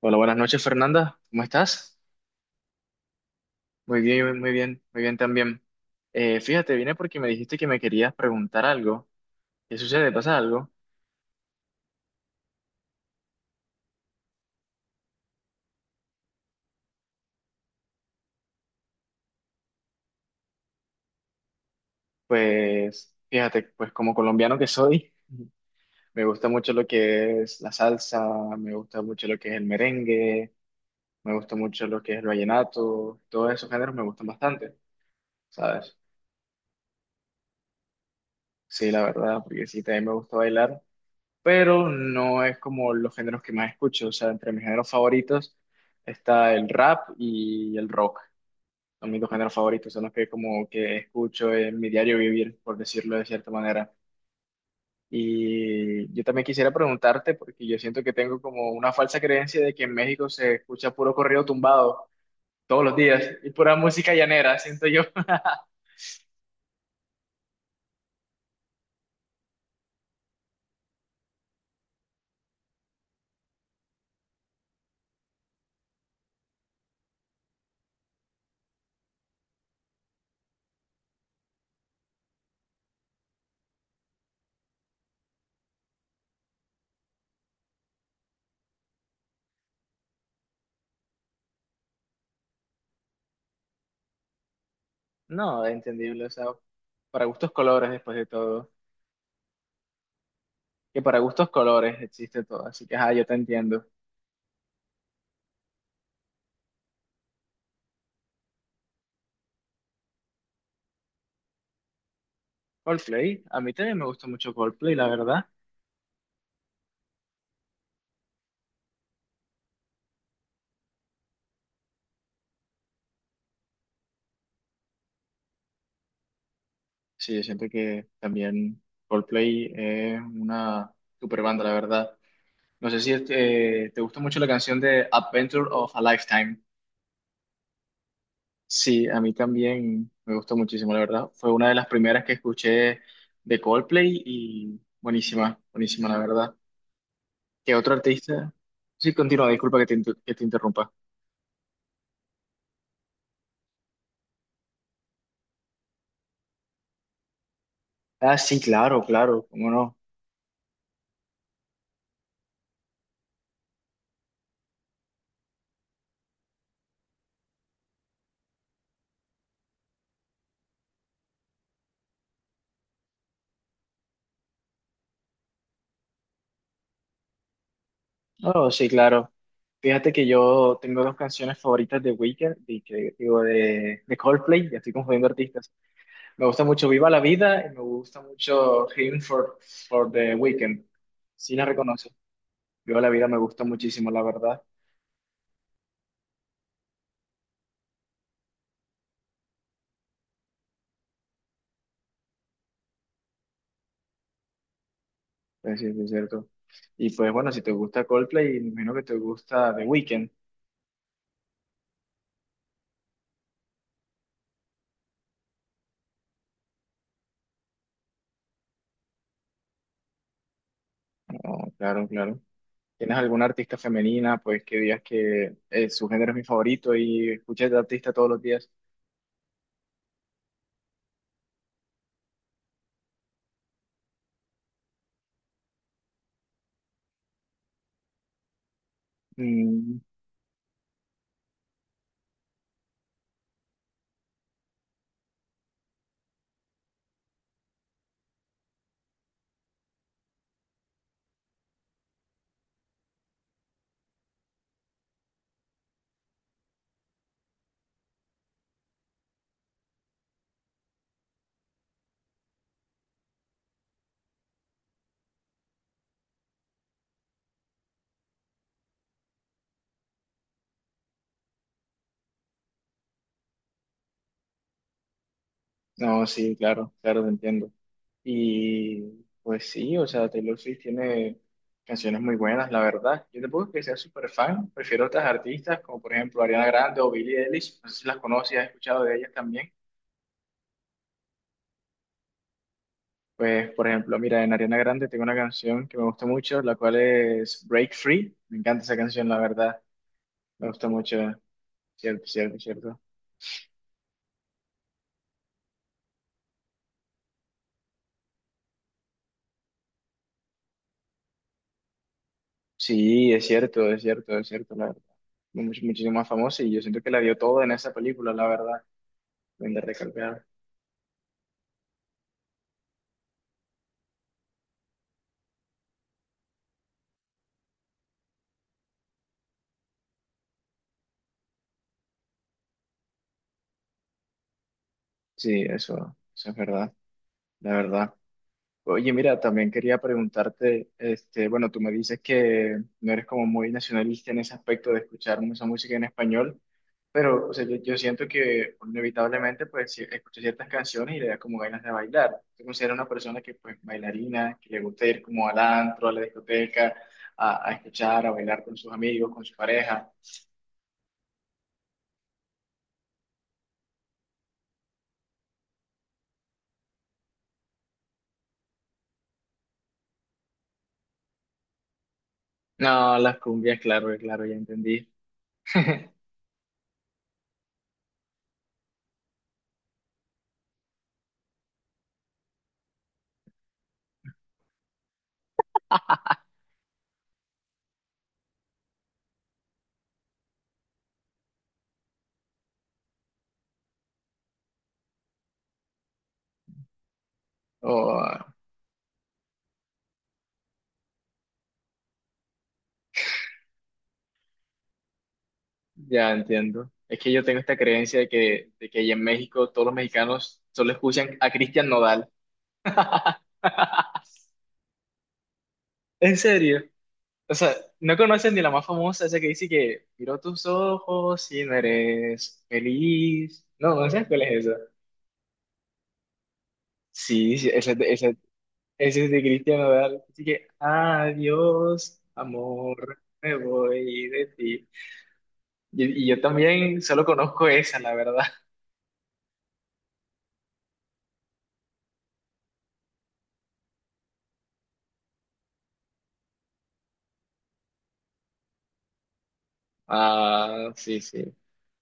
Hola, buenas noches, Fernanda. ¿Cómo estás? Muy bien, muy bien, muy bien también. Fíjate, vine porque me dijiste que me querías preguntar algo. ¿Qué sucede? ¿Pasa algo? Pues, fíjate, pues como colombiano que soy, me gusta mucho lo que es la salsa, me gusta mucho lo que es el merengue, me gusta mucho lo que es el vallenato, todos esos géneros me gustan bastante, ¿sabes? Sí, la verdad, porque sí, también me gusta bailar. Pero no es como los géneros que más escucho. O sea, entre mis géneros favoritos está el rap y el rock. Son mis dos géneros favoritos, son los que como que escucho en mi diario vivir, por decirlo de cierta manera. Y yo también quisiera preguntarte, porque yo siento que tengo como una falsa creencia de que en México se escucha puro corrido tumbado todos los días y pura música llanera, siento yo. No, entendible, o sea, para gustos colores después de todo. Que para gustos colores existe todo, así que ajá, yo te entiendo. Coldplay, a mí también me gusta mucho Coldplay, la verdad. Sí, siento que también Coldplay es una super banda, la verdad. No sé si te gusta mucho la canción de Adventure of a Lifetime. Sí, a mí también me gustó muchísimo, la verdad. Fue una de las primeras que escuché de Coldplay y buenísima, buenísima, la verdad. ¿Qué otro artista? Sí, continúa, disculpa que te, que te interrumpa. Ah, sí, claro, claro, cómo no. Oh, sí, claro. Fíjate que yo tengo dos canciones favoritas de Weekend, y que, digo, de Coldplay, ya estoy confundiendo artistas. Me gusta mucho Viva la Vida y me gusta mucho for the Weekend. Sí la reconoce. Viva la Vida me gusta muchísimo, la verdad. Pues sí, sí, es cierto. Y pues bueno, si te gusta Coldplay, me imagino que te gusta The Weekend. Oh, claro, claro. ¿Tienes alguna artista femenina, pues que digas que su género es mi favorito y escuchas de artista todos los días? Mm. No, sí, claro, claro, te entiendo. Y pues sí, o sea, Taylor Swift tiene canciones muy buenas, la verdad. Yo tampoco que sea súper fan, prefiero otras artistas como por ejemplo Ariana Grande o Billie Eilish, no sé si las conoces, has escuchado de ellas también. Pues por ejemplo, mira, en Ariana Grande tengo una canción que me gusta mucho, la cual es Break Free. Me encanta esa canción, la verdad. Me gusta mucho, cierto, cierto, cierto. Sí, es cierto, es cierto, es cierto, la verdad. Muchísimo más famosa y yo siento que la dio todo en esa película, la verdad. Ven recalcar. Sí, eso es verdad, la verdad. Oye, mira, también quería preguntarte, este, bueno, tú me dices que no eres como muy nacionalista en ese aspecto de escuchar mucha música en español, pero o sea, yo siento que inevitablemente pues escucho ciertas canciones y le da como ganas de bailar. Te considero una persona que pues bailarina, que le gusta ir como al antro, a la discoteca, a escuchar, a bailar con sus amigos, con su pareja. No, las cumbias, claro, claro, ya entendí. O ya entiendo. Es que yo tengo esta creencia de que allá en México todos los mexicanos solo escuchan a Cristian Nodal. ¿En serio? O sea, no conoces ni la más famosa, esa que dice que miró tus ojos y no eres feliz. No, no sabes cuál es esa. Sí, sí, esa, esa, esa es de Cristian Nodal. Así que, adiós, amor, me voy de ti. Y yo también solo conozco esa, la verdad. Ah, sí, sí.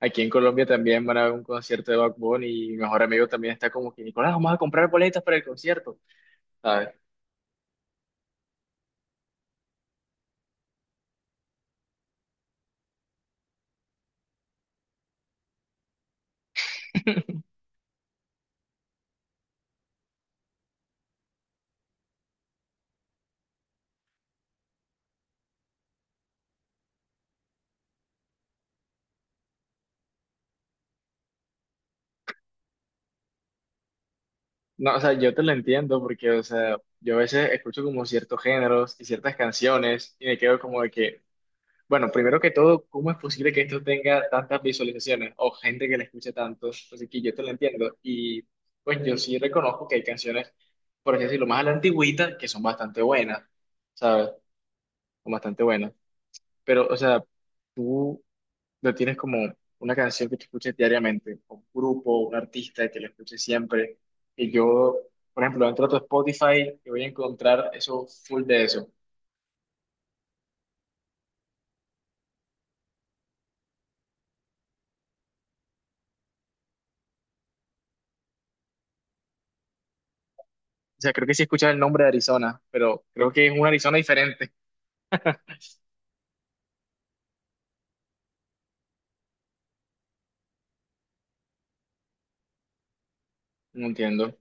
Aquí en Colombia también van a haber un concierto de Bad Bunny y mi mejor amigo también está como que, Nicolás, vamos a comprar boletas para el concierto, ¿sabes? No, o sea, yo te lo entiendo porque, o sea, yo a veces escucho como ciertos géneros y ciertas canciones y me quedo como de que, bueno, primero que todo, ¿cómo es posible que esto tenga tantas visualizaciones o gente que le escuche tanto? Así que yo te lo entiendo y pues yo sí reconozco que hay canciones, por así decirlo, más a la antigüita que son bastante buenas, ¿sabes? Son bastante buenas. Pero, o sea, tú no tienes como una canción que te escuches diariamente, o un grupo, un artista que la escuches siempre. Y yo, por ejemplo, entro a tu Spotify y voy a encontrar eso full de eso. O sea, creo que sí escuchas el nombre de Arizona, pero creo que es un Arizona diferente. No entiendo.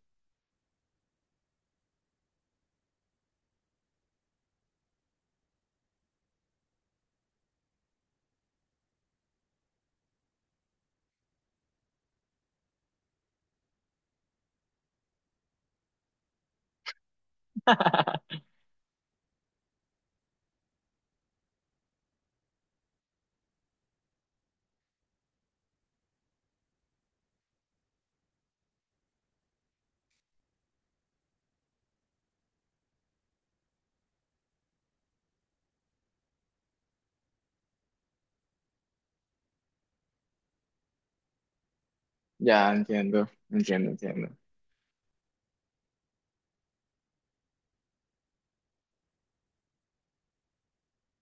Ya, entiendo, entiendo, entiendo.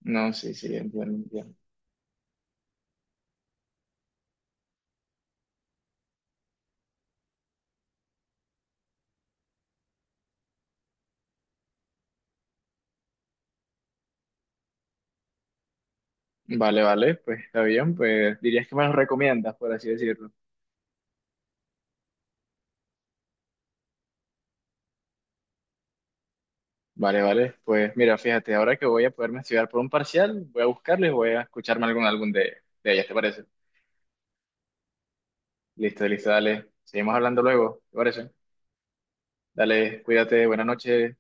No, sí, sí, entiendo, entiendo. Vale, vale, pues está bien, pues dirías que me lo recomiendas, por así decirlo. Vale, vale. Pues mira, fíjate, ahora que voy a poderme estudiar por un parcial, voy a buscarlo y voy a escucharme algún álbum de ellas, ¿te parece? Listo, listo, dale. Seguimos hablando luego, ¿te parece? Dale, cuídate, buenas noches.